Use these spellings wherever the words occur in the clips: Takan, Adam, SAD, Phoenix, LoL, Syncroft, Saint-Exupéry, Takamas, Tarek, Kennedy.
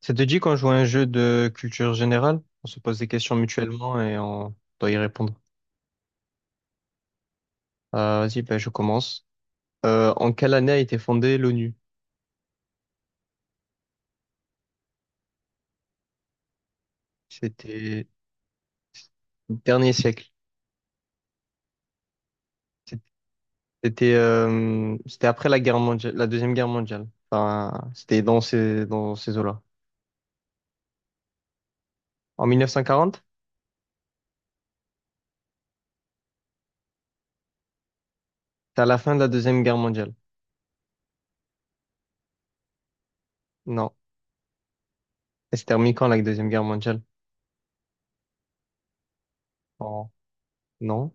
Ça te dit qu'on joue à un jeu de culture générale? On se pose des questions mutuellement et on doit y répondre. Vas-y, ben, je commence. En quelle année a été fondée l'ONU? C'était le dernier siècle. C'était après la guerre mondiale, la Deuxième Guerre mondiale. Enfin, c'était dans ces eaux-là. En 1940? C'était à la fin de la Deuxième Guerre mondiale. Non. Elle s'est terminée quand, la Deuxième Guerre mondiale? En- Non.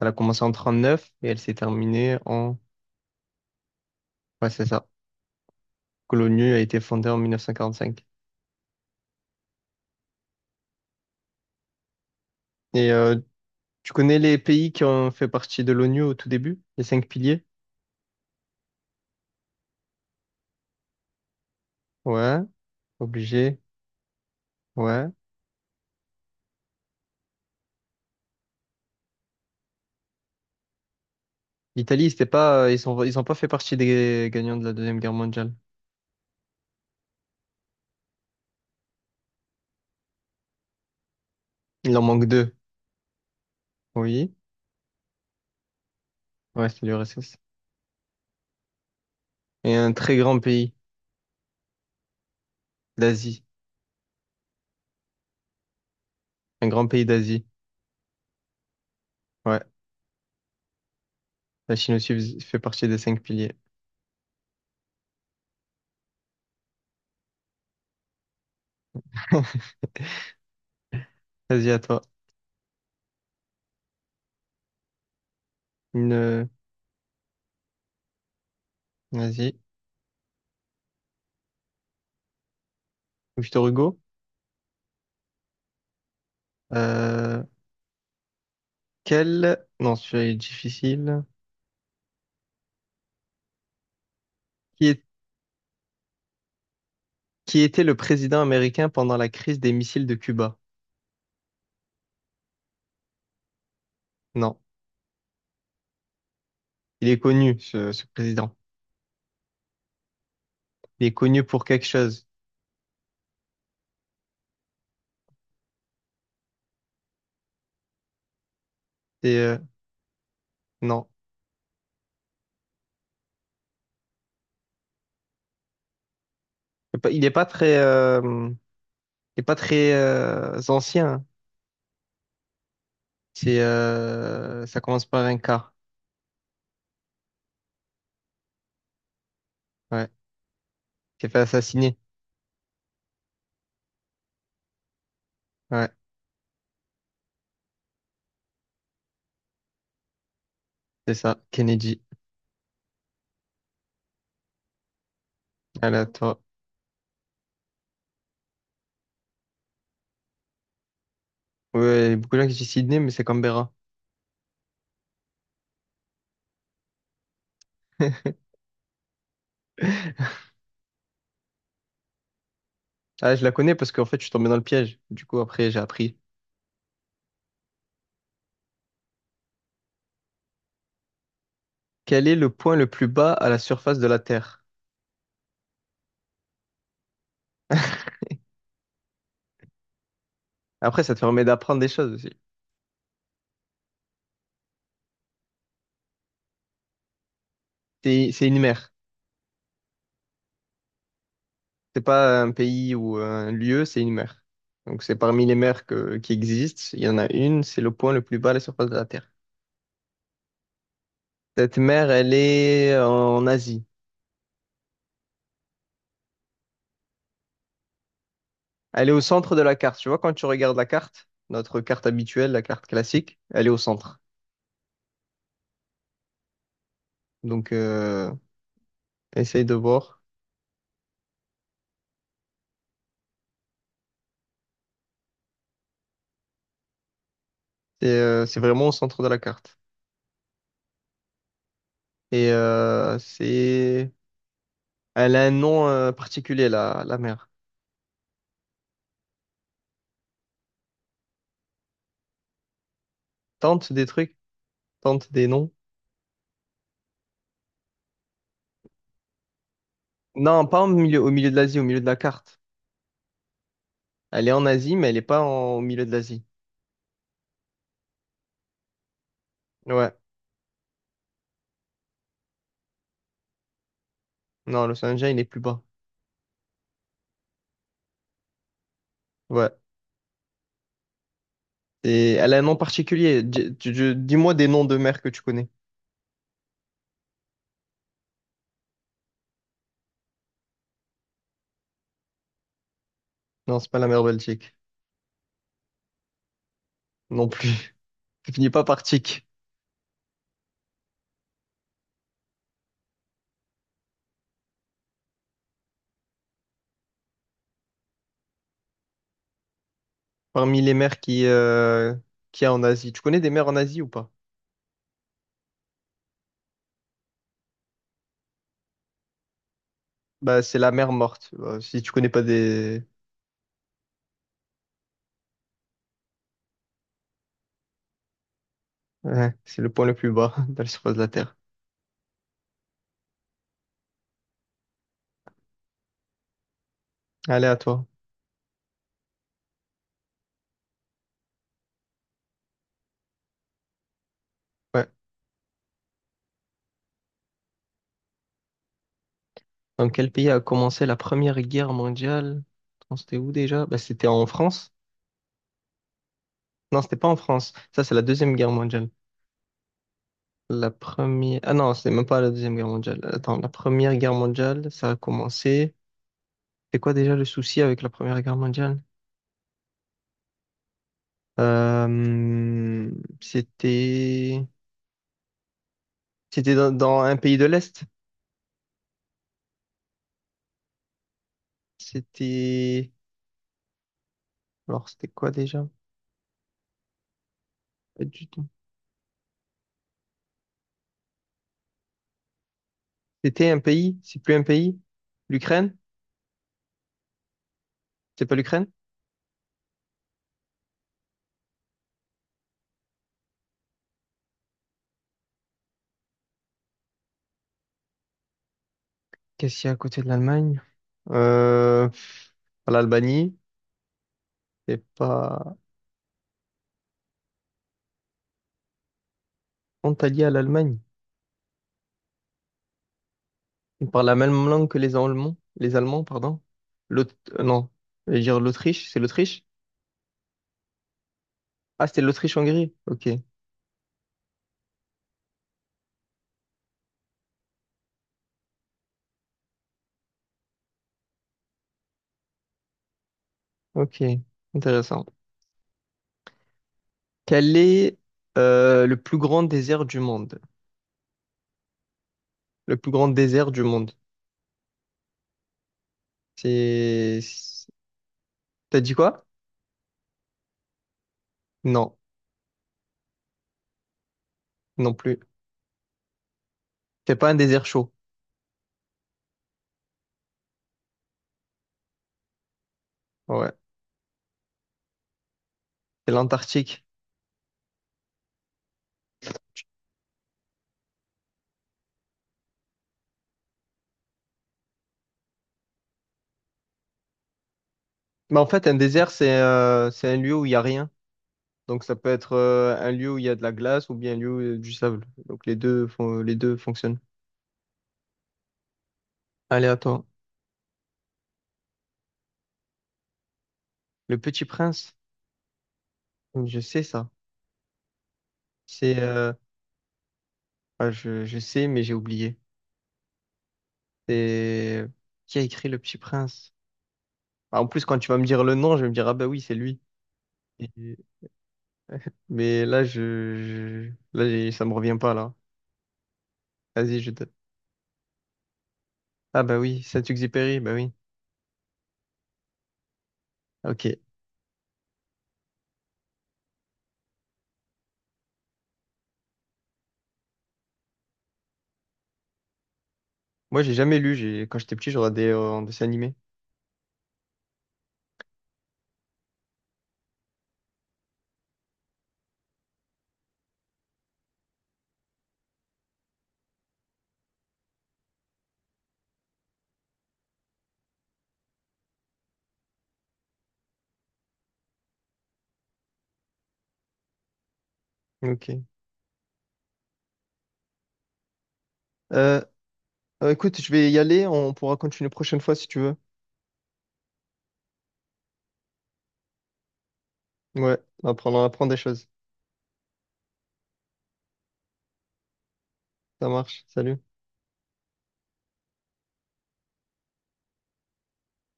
Elle a commencé en 39 et elle s'est terminée en... Ouais, c'est ça. Que L'ONU a été fondée en 1945. Et tu connais les pays qui ont fait partie de l'ONU au tout début? Les cinq piliers? Ouais, obligé. Ouais. L'Italie, c'était pas, ils ont pas fait partie des gagnants de la Deuxième Guerre mondiale. Il en manque deux. Oui. Ouais, c'est l'URSS. Et un très grand pays d'Asie. Un grand pays d'Asie. Ouais. La Chine aussi fait partie des cinq piliers. Vas-y, à toi. Une, euh, vas-y. Victor Hugo. Euh, non, celui-là est difficile. Qui est- qui était le président américain pendant la crise des missiles de Cuba? Non, il est connu, ce président. Il est connu pour quelque chose. C'est, euh, non, il est pas, il est pas très, euh, il est pas très ancien, hein. C'est, ça commence par un K. Ouais, il s'est fait assassiner. Ouais, c'est ça, Kennedy. Allez, à toi. Ouais, il y a beaucoup de gens qui disent Sydney, mais c'est Canberra. Ah, je la connais parce qu'en fait, je suis tombé dans le piège. Du coup, après, j'ai appris. Quel est le point le plus bas à la surface de la Terre? Après, ça te permet d'apprendre des choses aussi. C'est une mer. C'est pas un pays ou un lieu, c'est une mer. Donc c'est parmi les mers qui existent. Il y en a une, c'est le point le plus bas à la surface de la Terre. Cette mer, elle est en Asie. Elle est au centre de la carte. Tu vois, quand tu regardes la carte, notre carte habituelle, la carte classique, elle est au centre. Donc essaye de voir. C'est vraiment au centre de la carte. Et c'est... Elle a un nom particulier, la mer. Tente des trucs, tente des noms. Non, pas au milieu, au milieu de l'Asie, au milieu de la carte. Elle est en Asie, mais elle est pas en- au milieu de l'Asie. Ouais. Non, le saint il est plus bas. Ouais. Et elle a un nom particulier. Dis-moi des noms de mers que tu connais. Non, c'est pas la mer Baltique. Non plus. Ça finit pas par Tchik. Parmi les mers qu'il y a en Asie. Tu connais des mers en Asie ou pas? Bah, c'est la mer morte. Bah, si tu connais pas des... Ouais, c'est le point le plus bas de la surface de la Terre. Allez, à toi. Ouais. Dans quel pays a commencé la Première Guerre mondiale? Attends, c'était où déjà? Bah, c'était en France. Non, c'était pas en France. Ça, c'est la Deuxième Guerre mondiale. La première... Ah non, c'est même pas la Deuxième Guerre mondiale. Attends, la Première Guerre mondiale, ça a commencé... C'est quoi déjà le souci avec la Première Guerre mondiale? Euh, C'était... C'était dans un pays de l'Est. C'était... Alors, c'était quoi déjà? Pas du tout. C'était un pays? C'est plus un pays? L'Ukraine? C'est pas l'Ukraine? Qu'est-ce qu'il y a à côté de l'Allemagne? Pff, l'Albanie? C'est pas... Antalya, à l'Allemagne. Ils parlent la même langue que les Allemands, pardon. L'aut- non, je vais dire l'Autriche, c'est l'Autriche? Ah, c'était l'Autriche-Hongrie. Ok, ok, intéressant. Quel est le plus grand désert du monde? Le plus grand désert du monde. C'est... c'est- T'as dit quoi? Non, non plus. C'est pas un désert chaud. Ouais, c'est l'Antarctique. Mais en fait, un désert, c'est un lieu où il n'y a rien. Donc ça peut être un lieu où il y a de la glace ou bien un lieu où il y a du sable. Donc les deux fonctionnent. Allez, à toi. Le Petit Prince, je sais ça. C'est, euh, ah, je sais, mais j'ai oublié. C'est qui a écrit Le Petit Prince? Ah, en plus, quand tu vas me dire le nom, je vais me dire ah bah oui, c'est lui. Et- Mais là, là, ça me revient pas là. Vas-y, je te. Ah bah oui, Saint-Exupéry, bah oui. Ok. Moi, j'ai jamais lu. J'ai quand j'étais petit, j'aurais des en dessin animé. Ok. Euh, écoute, je vais y aller. On pourra continuer prochaine fois si tu veux. Ouais. On apprend des choses. Ça marche. Salut.